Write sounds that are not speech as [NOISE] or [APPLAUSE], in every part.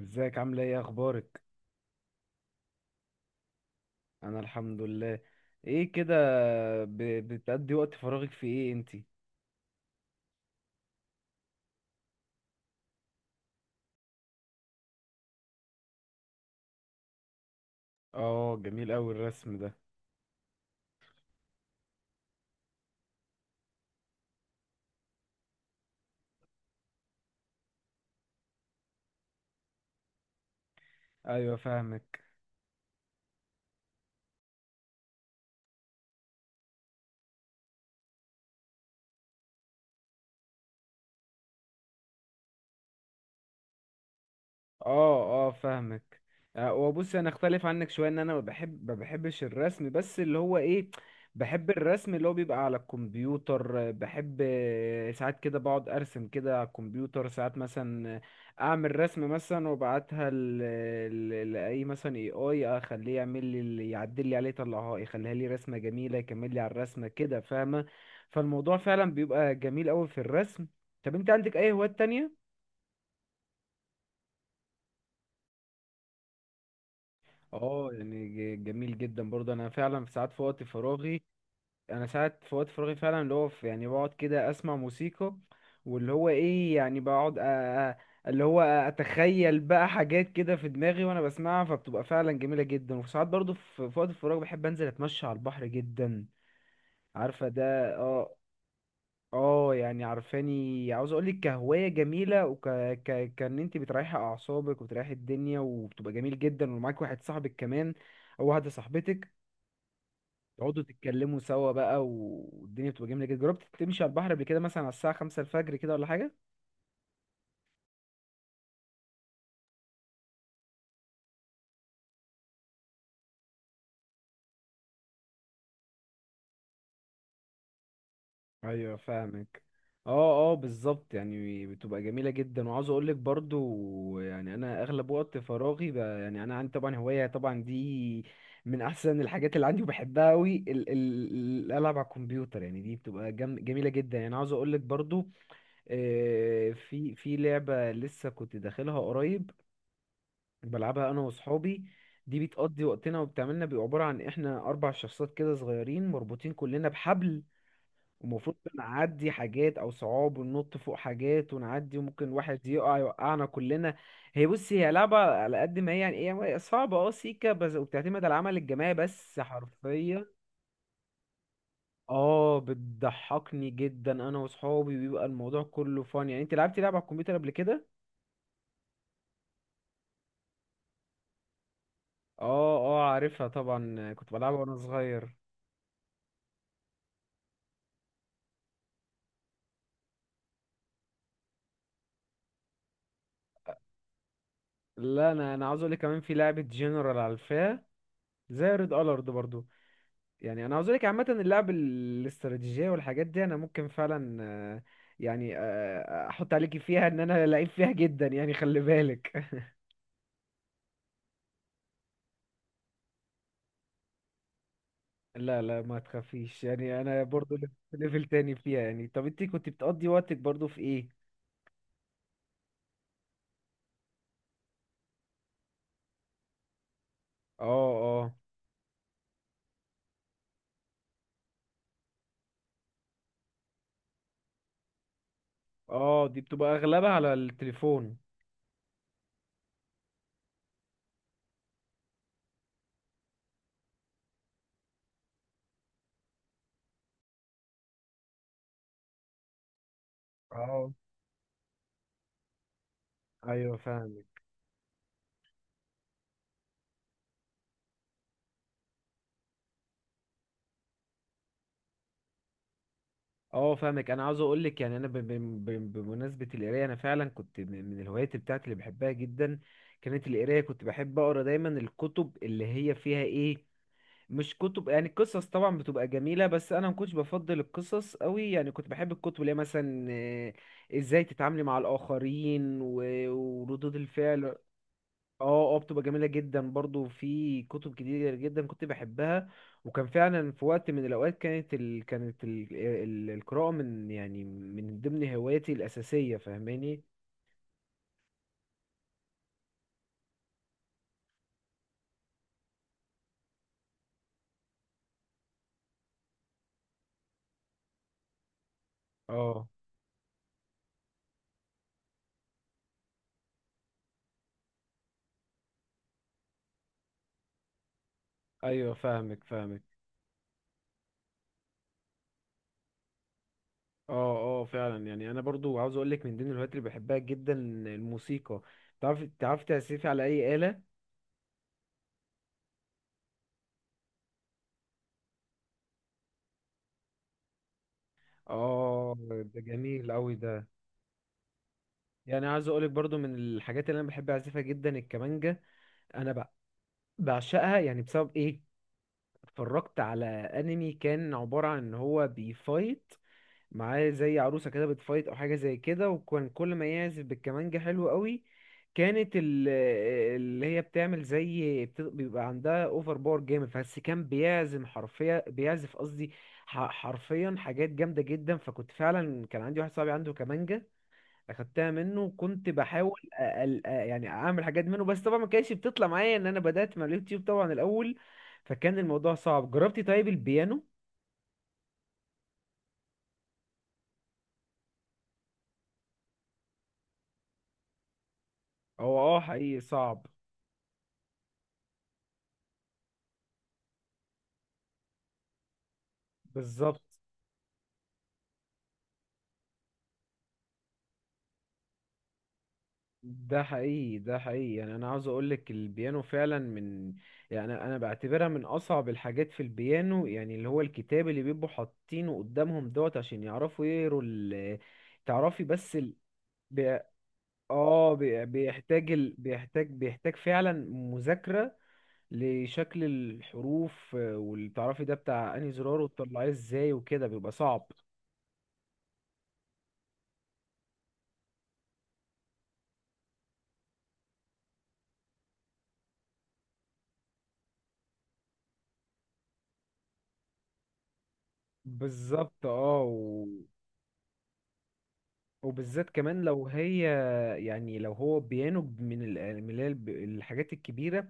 ازيك؟ عامله ايه؟ اخبارك؟ انا الحمد لله. ايه كده؟ بتقضي وقت فراغك في ايه انتي؟ اه، جميل اوي الرسم ده. ايوه، فاهمك. اه اه، فاهمك. وبص، انا اختلف عنك شويه، ان انا ما بحبش الرسم، بس اللي هو ايه، بحب الرسم اللي هو بيبقى على الكمبيوتر، بحب، ساعات كده بقعد ارسم كده على الكمبيوتر ساعات مثلا، اعمل رسم مثلا وابعتها لاي، مثلا اي اخليه يعمل لي، اللي يعدل لي عليه يطلعها يخليها لي رسمه جميله، يكمل لي على الرسمه كده، فاهمه؟ فالموضوع فعلا بيبقى جميل قوي في الرسم. طب انت عندك اي هوايات تانية؟ اه، يعني جميل جدا برضه. انا فعلا في ساعات في وقت فراغي، انا ساعات في وقت فراغي فعلا اللي هو في، يعني بقعد كده اسمع موسيقى، واللي هو ايه، يعني بقعد أ- اللي هو اتخيل بقى حاجات كده في دماغي وانا بسمعها، فبتبقى فعلا جميلة جدا. وفي ساعات برضه في وقت الفراغ بحب انزل اتمشى على البحر جدا، عارفة ده؟ اه، اه، يعني عارفاني، عاوز اقولك كهواية جميلة، كان انت بتريحي اعصابك وبتريحي الدنيا وبتبقى جميل جدا ومعاك واحد صاحبك كمان او واحدة صاحبتك، تقعدوا تتكلموا سوا بقى، والدنيا بتبقى جميلة جدا. جربت تمشي على البحر قبل كده، مثلا على الساعة 5 الفجر كده ولا حاجة؟ ايوه، فاهمك. اه اه، بالظبط. يعني بتبقى جميله جدا. وعاوز اقول لك برضو، يعني انا اغلب وقت فراغي يعني انا عندي طبعا هوايه طبعا، دي من احسن الحاجات اللي عندي وبحبها قوي، ال الالعاب على الكمبيوتر. يعني دي بتبقى جميله جدا. يعني عاوز اقول لك برضو، في لعبه لسه كنت داخلها قريب، بلعبها انا واصحابي. دي بتقضي وقتنا، وبتعملنا بيبقى عباره عن احنا 4 شخصيات كده صغيرين مربوطين كلنا بحبل، ومفروض نعدي حاجات او صعاب وننط فوق حاجات ونعدي، وممكن واحد يقع يوقعنا كلنا. هي بصي، هي لعبة على قد ما هي يعني ايه، هي صعبة اه، سيكا بس، وبتعتمد على العمل الجماعي بس، حرفيا. اه، بتضحكني جدا انا واصحابي، بيبقى الموضوع كله فن. يعني انت لعبتي لعبة على الكمبيوتر قبل كده؟ اه اه، عارفها طبعا، كنت بلعبها وانا صغير. لا، انا انا عاوز اقول لك، كمان في لعبة جنرال على الفا زي ريد الارد برضو. يعني انا عاوز لك عامه اللعب الاستراتيجيه والحاجات دي انا ممكن فعلا، يعني آه، احط عليكي فيها ان انا لعيب فيها جدا، يعني خلي بالك. [LAUGHS] لا لا، ما تخافيش، يعني انا برضو ليفل تاني فيها. يعني طب انت كنت بتقضي وقتك برضو في ايه؟ اه اه اه. دي بتبقى اغلبها على التليفون. اه، ايوه، فاهم. اه، فاهمك. انا عاوز اقول لك، يعني انا بمناسبه القرايه، انا فعلا كنت من الهوايات بتاعتي اللي بحبها جدا كانت القرايه. كنت بحب اقرا دايما الكتب اللي هي فيها ايه، مش كتب، يعني القصص طبعا بتبقى جميله، بس انا ما كنتش بفضل القصص قوي، يعني كنت بحب الكتب اللي هي مثلا ازاي تتعاملي مع الاخرين وردود الفعل. اه اه، بتبقى جميلة جدا. برضو في كتب كتير جدا كنت بحبها، وكان فعلا في وقت من الأوقات كانت القراءة من، يعني من ضمن هواياتي الأساسية، فاهماني؟ اه، ايوه، فاهمك، فاهمك. اه اه، فعلا. يعني انا برضو عاوز اقول لك، من ضمن الهوايات اللي بحبها جدا الموسيقى. تعرف تعزفي على اي آلة؟ اه، ده جميل قوي ده. يعني عاوز اقول لك برضو، من الحاجات اللي انا بحب اعزفها جدا الكمانجة. انا بقى بعشقها، يعني بسبب ايه، اتفرجت على انمي كان عبارة عن ان هو بيفايت معاه زي عروسة كده بتفايت او حاجة زي كده، وكان كل ما يعزف بالكمانجة حلو قوي. كانت ال- اللي هي بتعمل زي بيبقى عندها اوفر باور جامد، بس كان بيعزم حرفيا، بيعزف قصدي حرفيا حاجات جامدة جدا. فكنت فعلا، كان عندي واحد صاحبي عنده كمانجة، اخدتها منه وكنت بحاول يعني اعمل حاجات منه، بس طبعا ما كانتش بتطلع معايا، ان انا بدأت مع اليوتيوب طبعا الاول، فكان الموضوع صعب. جربتي طيب البيانو؟ هو اه، حقيقي صعب. بالظبط. ده حقيقي، ده حقيقي. يعني انا عاوز اقول لك، البيانو فعلا من، يعني انا بعتبرها من اصعب الحاجات في البيانو، يعني اللي هو الكتاب اللي بيبقوا حاطينه قدامهم دوت عشان يعرفوا يقروا ال... تعرفي بس ال... اه، بيحتاج بيحتاج فعلا مذاكرة لشكل الحروف، واللي تعرفي ده بتاع انهي زرار وتطلعيه ازاي وكده، بيبقى صعب. بالظبط، اه. وبالذات كمان لو هي، يعني لو هو بيانو من اللي هي الحاجات الكبيرة،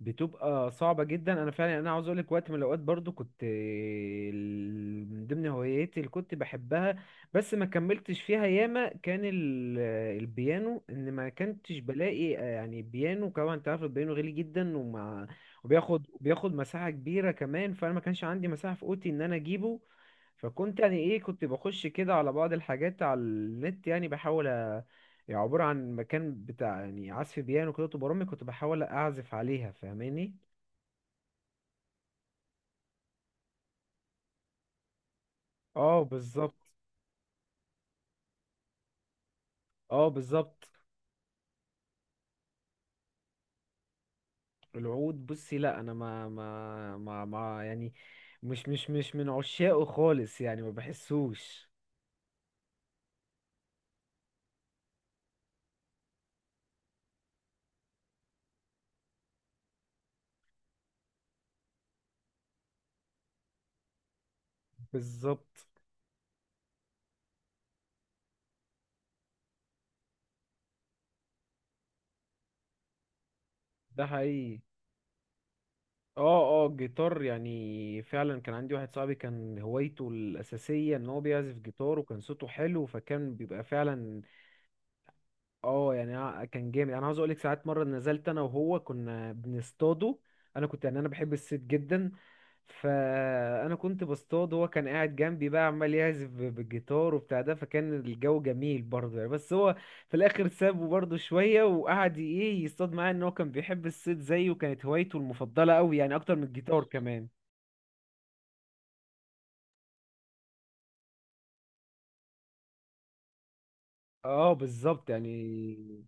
بتبقى صعبة جدا. انا فعلا انا عاوز اقولك، وقت من الاوقات برضو كنت من ضمن هواياتي اللي كنت بحبها، بس ما كملتش فيها ياما كان البيانو، ان ما كنتش بلاقي، يعني بيانو. كمان انت عارف البيانو غالي جدا، ومع، وبياخد مساحة كبيرة كمان، فانا ما كانش عندي مساحة في اوضتي ان انا اجيبه. فكنت يعني ايه، كنت بخش كده على بعض الحاجات على النت، يعني بحاول يعني عبارة عن مكان بتاع يعني عزف بيانو كده طول برامج كنت بحاول اعزف عليها، فاهماني؟ اه، بالظبط. اه، بالظبط. العود بصي، لا، انا ما، يعني مش من عشاقه خالص. يعني ما بحسوش. بالظبط، ده حقيقي. اه اه، جيتار، يعني فعلا كان عندي واحد صاحبي كان هوايته الأساسية ان هو بيعزف جيتار، وكان صوته حلو، فكان بيبقى فعلا، اه، يعني أنا كان جامد. انا عاوز اقول لك، ساعات مره نزلت انا وهو كنا بنصطاده، انا كنت، يعني انا بحب الصيد جدا، فانا كنت بصطاد، هو كان قاعد جنبي بقى عمال يعزف بالجيتار وبتاع ده، فكان الجو جميل برضه. يعني بس هو في الاخر سابه برضه شويه وقعد ايه يصطاد معايا، ان هو كان بيحب الصيد زيي، وكانت هوايته المفضله قوي يعني اكتر من الجيتار كمان. اه، بالظبط يعني.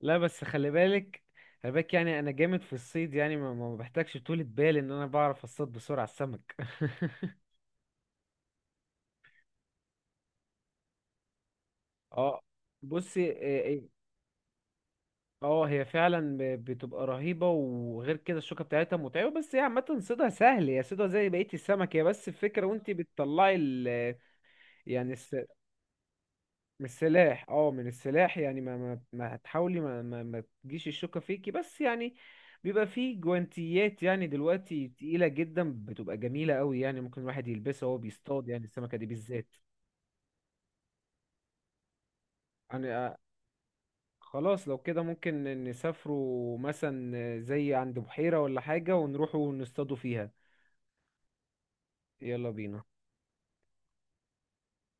لا، بس خلي بالك، خلي بالك، يعني انا جامد في الصيد. يعني ما ما بحتاجش طولة بال، ان انا بعرف اصطاد بسرعة السمك. [LAUGHS] اه، بصي، اه. هي فعلا بتبقى رهيبة، وغير كده الشوكة بتاعتها متعبة، بس هي عامة صيدها سهل، هي صيدها زي بقية السمك، هي بس الفكرة وانت بتطلعي ال، يعني من السلاح، اه، من السلاح، يعني ما هتحاولي ما, ما, ما تجيش الشوكة فيكي بس، يعني بيبقى فيه جوانتيات يعني دلوقتي تقيلة جدا، بتبقى جميلة قوي، يعني ممكن الواحد يلبسها وهو بيصطاد، يعني السمكة دي بالذات. يعني خلاص لو كده ممكن نسافروا مثلا زي عند بحيرة ولا حاجة ونروحوا نصطادوا فيها. يلا بينا.